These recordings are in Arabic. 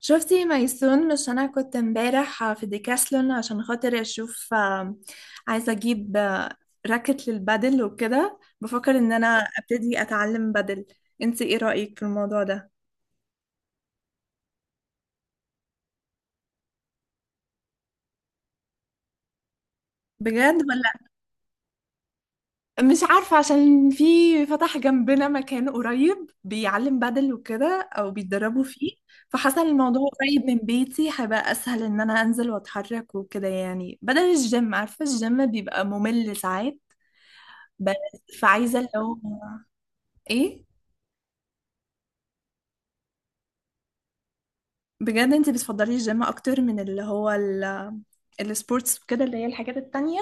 شفتي ميسون؟ مش انا كنت امبارح في ديكاسلون عشان خاطر اشوف، عايزه اجيب، راكت للبادل وكده. بفكر ان انا ابتدي اتعلم بادل. انتي ايه رأيك في الموضوع ده؟ بجد ولا؟ مش عارفه، عشان في فتح جنبنا مكان قريب بيعلم بادل وكده او بيتدربوا فيه. فحسن الموضوع قريب من بيتي، هيبقى اسهل ان انا انزل واتحرك وكده يعني، بدل الجيم. عارفه الجيم بيبقى ممل ساعات. بس فعايزه اللي هو. ايه؟ بجد؟ انت بتفضلي الجيم اكتر من اللي هو السبورتس كده، اللي هي الحاجات التانية؟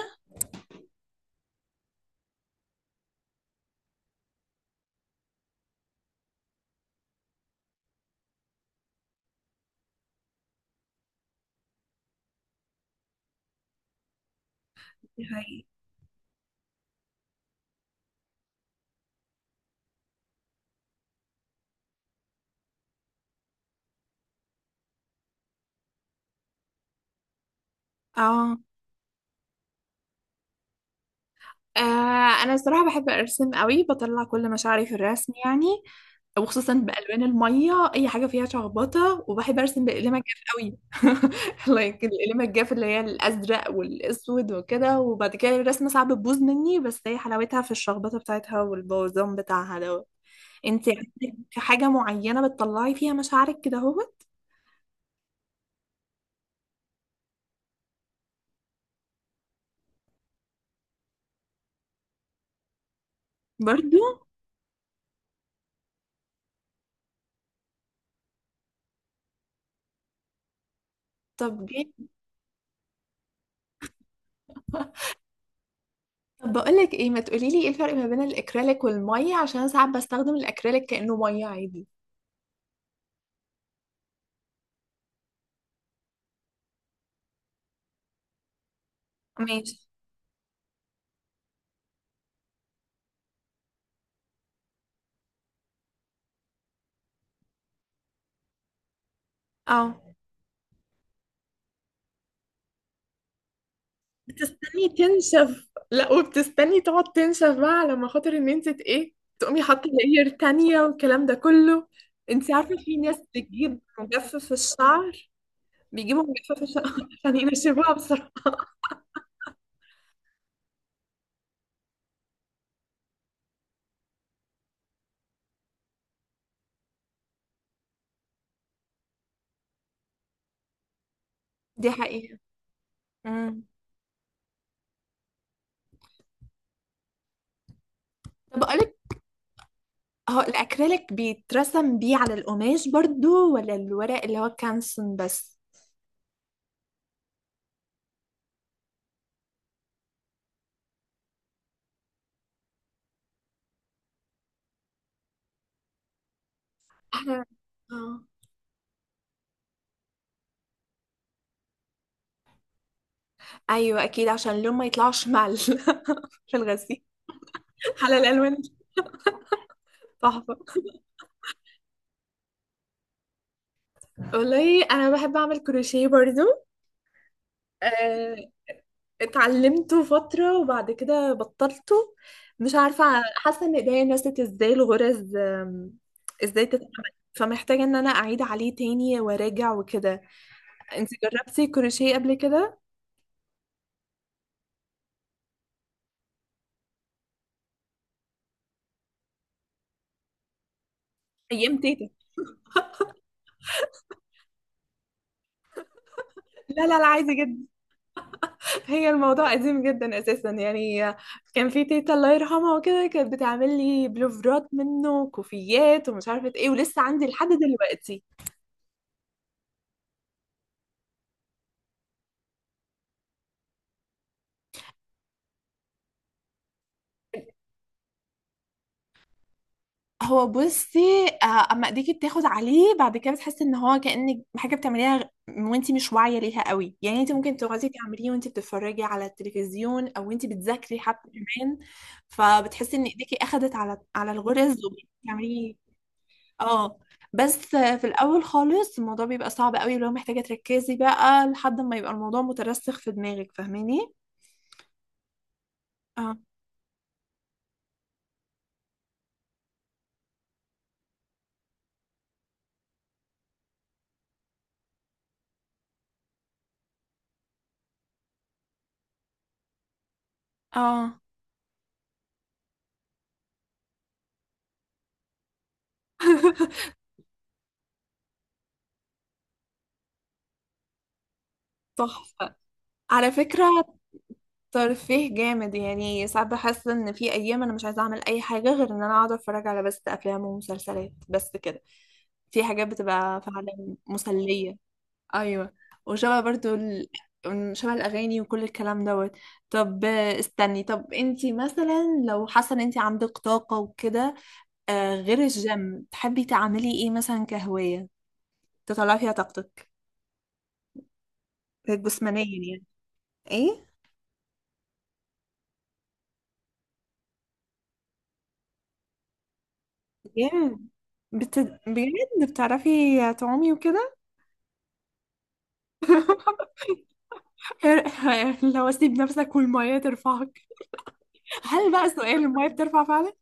دي حقيقة. اه. انا الصراحه بحب ارسم قوي، بطلع كل مشاعري في الرسم يعني. وخصوصا بالوان الميه، اي حاجه فيها شخبطه. وبحب ارسم باقلام الجاف قوي لايك الاقلام الجاف اللي هي الازرق والاسود وكده. وبعد كده الرسمه صعب تبوظ مني، بس هي حلاوتها في الشخبطه بتاعتها والبوظان بتاعها دوت. انت عندك حاجه معينه بتطلعي فيها مشاعرك كده اهوت؟ برضو. طب جيم. طب بقولك ايه، ما تقوليلي ايه الفرق ما بين الاكريليك والميه، عشان أنا ساعات بستخدم الاكريليك كأنه ميه عادي. ماشي. اه. بتستني تنشف؟ لا، وبتستني تقعد تنشف بقى، على ما خاطر ان انت ايه، تقومي حاطه لاير تانية والكلام ده كله. انت عارفه في ناس بتجيب مجفف الشعر بيجيبوا مجفف الشعر عشان ينشفوها بسرعه. دي حقيقة. امم طب اقولك، هو الاكريليك بيترسم بيه على القماش برضو ولا الورق اللي هو كانسون بس؟ احنا. اه. ايوه اكيد، عشان اللون ما يطلعش مع في الغسيل. على الالوان. تحفه. والله انا بحب اعمل كروشيه برضو. آه، اتعلمته فتره وبعد كده بطلته. مش عارفه، حاسه ان ايديا نسيت ازاي الغرز. ازاي تتعمل. فمحتاجه ان انا اعيد عليه تاني وراجع وكده. انت جربتي كروشيه قبل كده؟ ايام تيتا. لا، لا، لا، عادي جدا. هي الموضوع قديم جدا اساسا يعني. كان في تيتا الله يرحمها وكده، كانت بتعمل لي بلوفرات منه وكوفيات ومش عارفه ايه، ولسه عندي لحد دلوقتي. هو بصي، اما ايديكي بتاخد عليه بعد كده بتحسي ان هو كأنك حاجه بتعمليها وانتي مش واعيه ليها قوي يعني. انت ممكن تقعدي تعمليه وانتي بتتفرجي على التلفزيون او انتي بتذاكري حتى كمان. فبتحسي ان ايديكي اخدت على الغرز وبتعمليه. اه. بس في الاول خالص الموضوع بيبقى صعب قوي لو محتاجة تركزي بقى، لحد ما يبقى الموضوع مترسخ في دماغك، فاهماني؟ اه. اه. تحفة. على فكرة ترفيه جامد، يعني ساعات بحس ان في ايام انا مش عايزة اعمل اي حاجة، غير ان انا اقعد اتفرج على بس افلام ومسلسلات بس كده. في حاجات بتبقى فعلا مسلية. ايوه. وشبه برضو شبه الاغاني وكل الكلام دوت. طب استني، طب انتي مثلا لو حاسه ان انتي عندك طاقه وكده، غير الجيم تحبي تعملي ايه مثلا كهوايه؟ تطلعي فيها طاقتك جسمانيا يعني. ايه؟ جيم. بت... بجد؟ بتعرفي تعومي وكده؟ لو اسيب نفسك والميه ترفعك. هل بقى سؤال الميه بترفع فعلا؟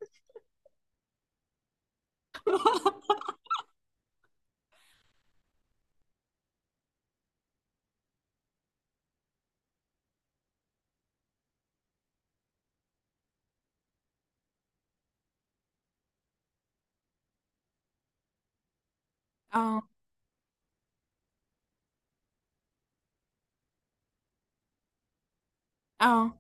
اه. اه.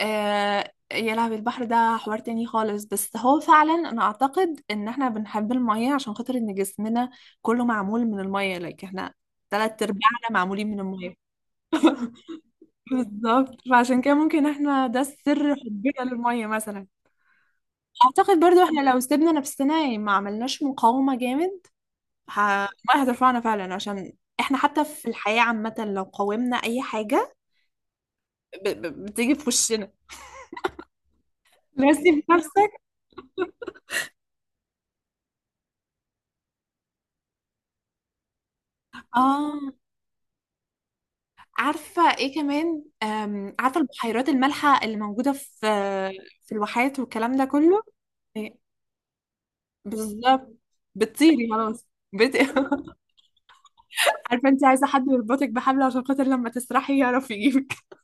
آه يا لهوي، البحر ده حوار تاني خالص. بس هو فعلا، انا اعتقد ان احنا بنحب المية عشان خاطر ان جسمنا كله معمول من المية. لايك احنا تلات ارباعنا معمولين من المية. بالظبط. فعشان كده ممكن احنا ده السر حبنا للمية مثلا. اعتقد برضو احنا لو سيبنا نفسنا يعني، ما عملناش مقاومة جامد، ه- المية هترفعنا فعلا. عشان احنا حتى في الحياة عامة لو قاومنا اي حاجة بتيجي في وشنا. لازم نفسك. اه. عارفة ايه كمان؟ عارفة البحيرات المالحة اللي موجودة في الواحات والكلام ده كله؟ إيه، بالظبط. بتطيري خلاص. بت... عارفة؟ انت عايزة حد يربطك بحبل عشان خاطر لما تسرحي يعرف يجيبك.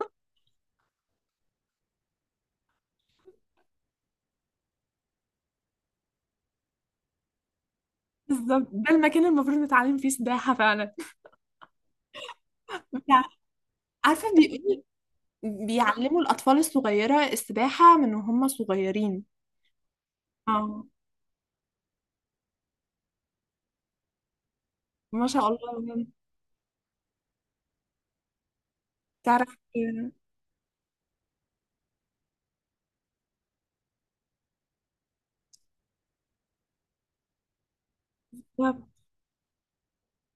بالظبط، ده المكان المفروض نتعلم فيه سباحة فعلا. بتاع- عارفة بيقولوا بيعلموا الأطفال الصغيرة السباحة من وهم صغيرين. اه، ما شاء الله. تعرف،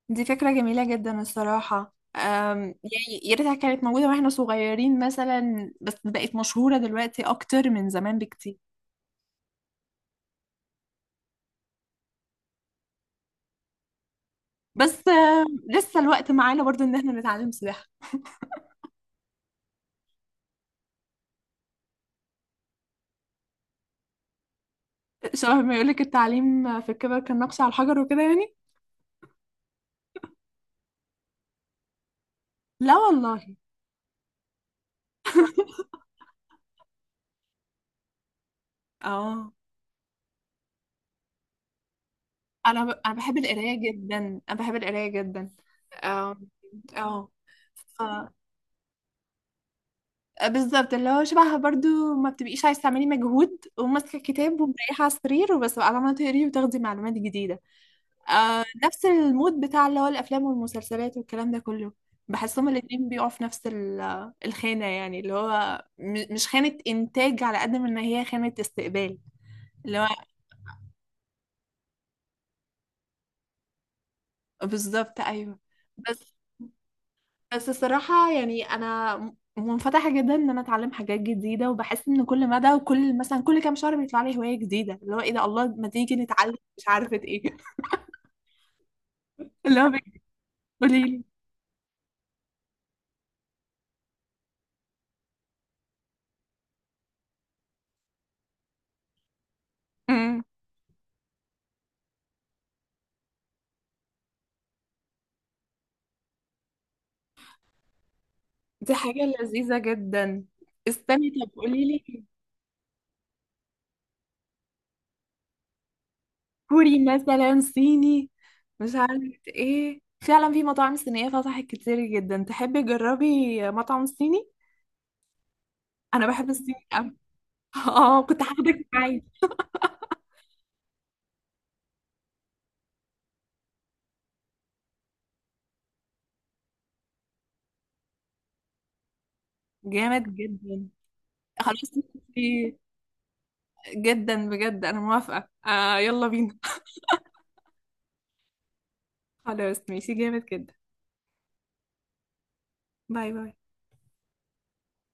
دي فكرة جميلة جدا الصراحة. يعني يا ريتها كانت موجودة واحنا صغيرين مثلا، بس بقت مشهورة دلوقتي أكتر من زمان بكتير. بس لسه الوقت معانا برضو إن احنا نتعلم سباحة. شبه ما يقولك التعليم في الكبر كان نقش على الحجر وكده يعني. لا والله. اه. أنا بحب القراية جدا. أنا بحب القراية جدا. اه. اه. بالظبط، اللي هو شبهها برضو، ما بتبقيش عايزه تعملي مجهود وماسكه كتاب ومريحه على السرير، وبس بقى عماله تقري وتاخدي معلومات جديده. نفس المود بتاع اللي هو الافلام والمسلسلات والكلام ده كله. بحسهم الاتنين بيقعوا في نفس الخانه يعني، اللي هو مش خانه انتاج على قد ما ان هي خانه استقبال. اللي هو. بالظبط. ايوه. بس بس الصراحة يعني، أنا منفتحة جدا إن أنا أتعلم حاجات جديدة. وبحس إن كل مدى وكل مثلا كل كام شهر بيطلع لي هواية جديدة، اللي هو إيه ده، الله ما تيجي نتعلم مش عارفة إيه. اللي هو بيقولي لي. أمم، دي حاجة لذيذة جدا. استني، طب قولي لي. كوري مثلا. صيني؟ مش عارفة إيه فعلا، في مطاعم صينية فتحت كتير جدا. تحبي تجربي مطعم صيني؟ أنا بحب الصيني أوي. اه، كنت هاخدك معايا. جامد جدا. خلاص. جدا بجد انا موافقة. آه، يلا بينا. خلاص ماشي جامد جدا. باي باي.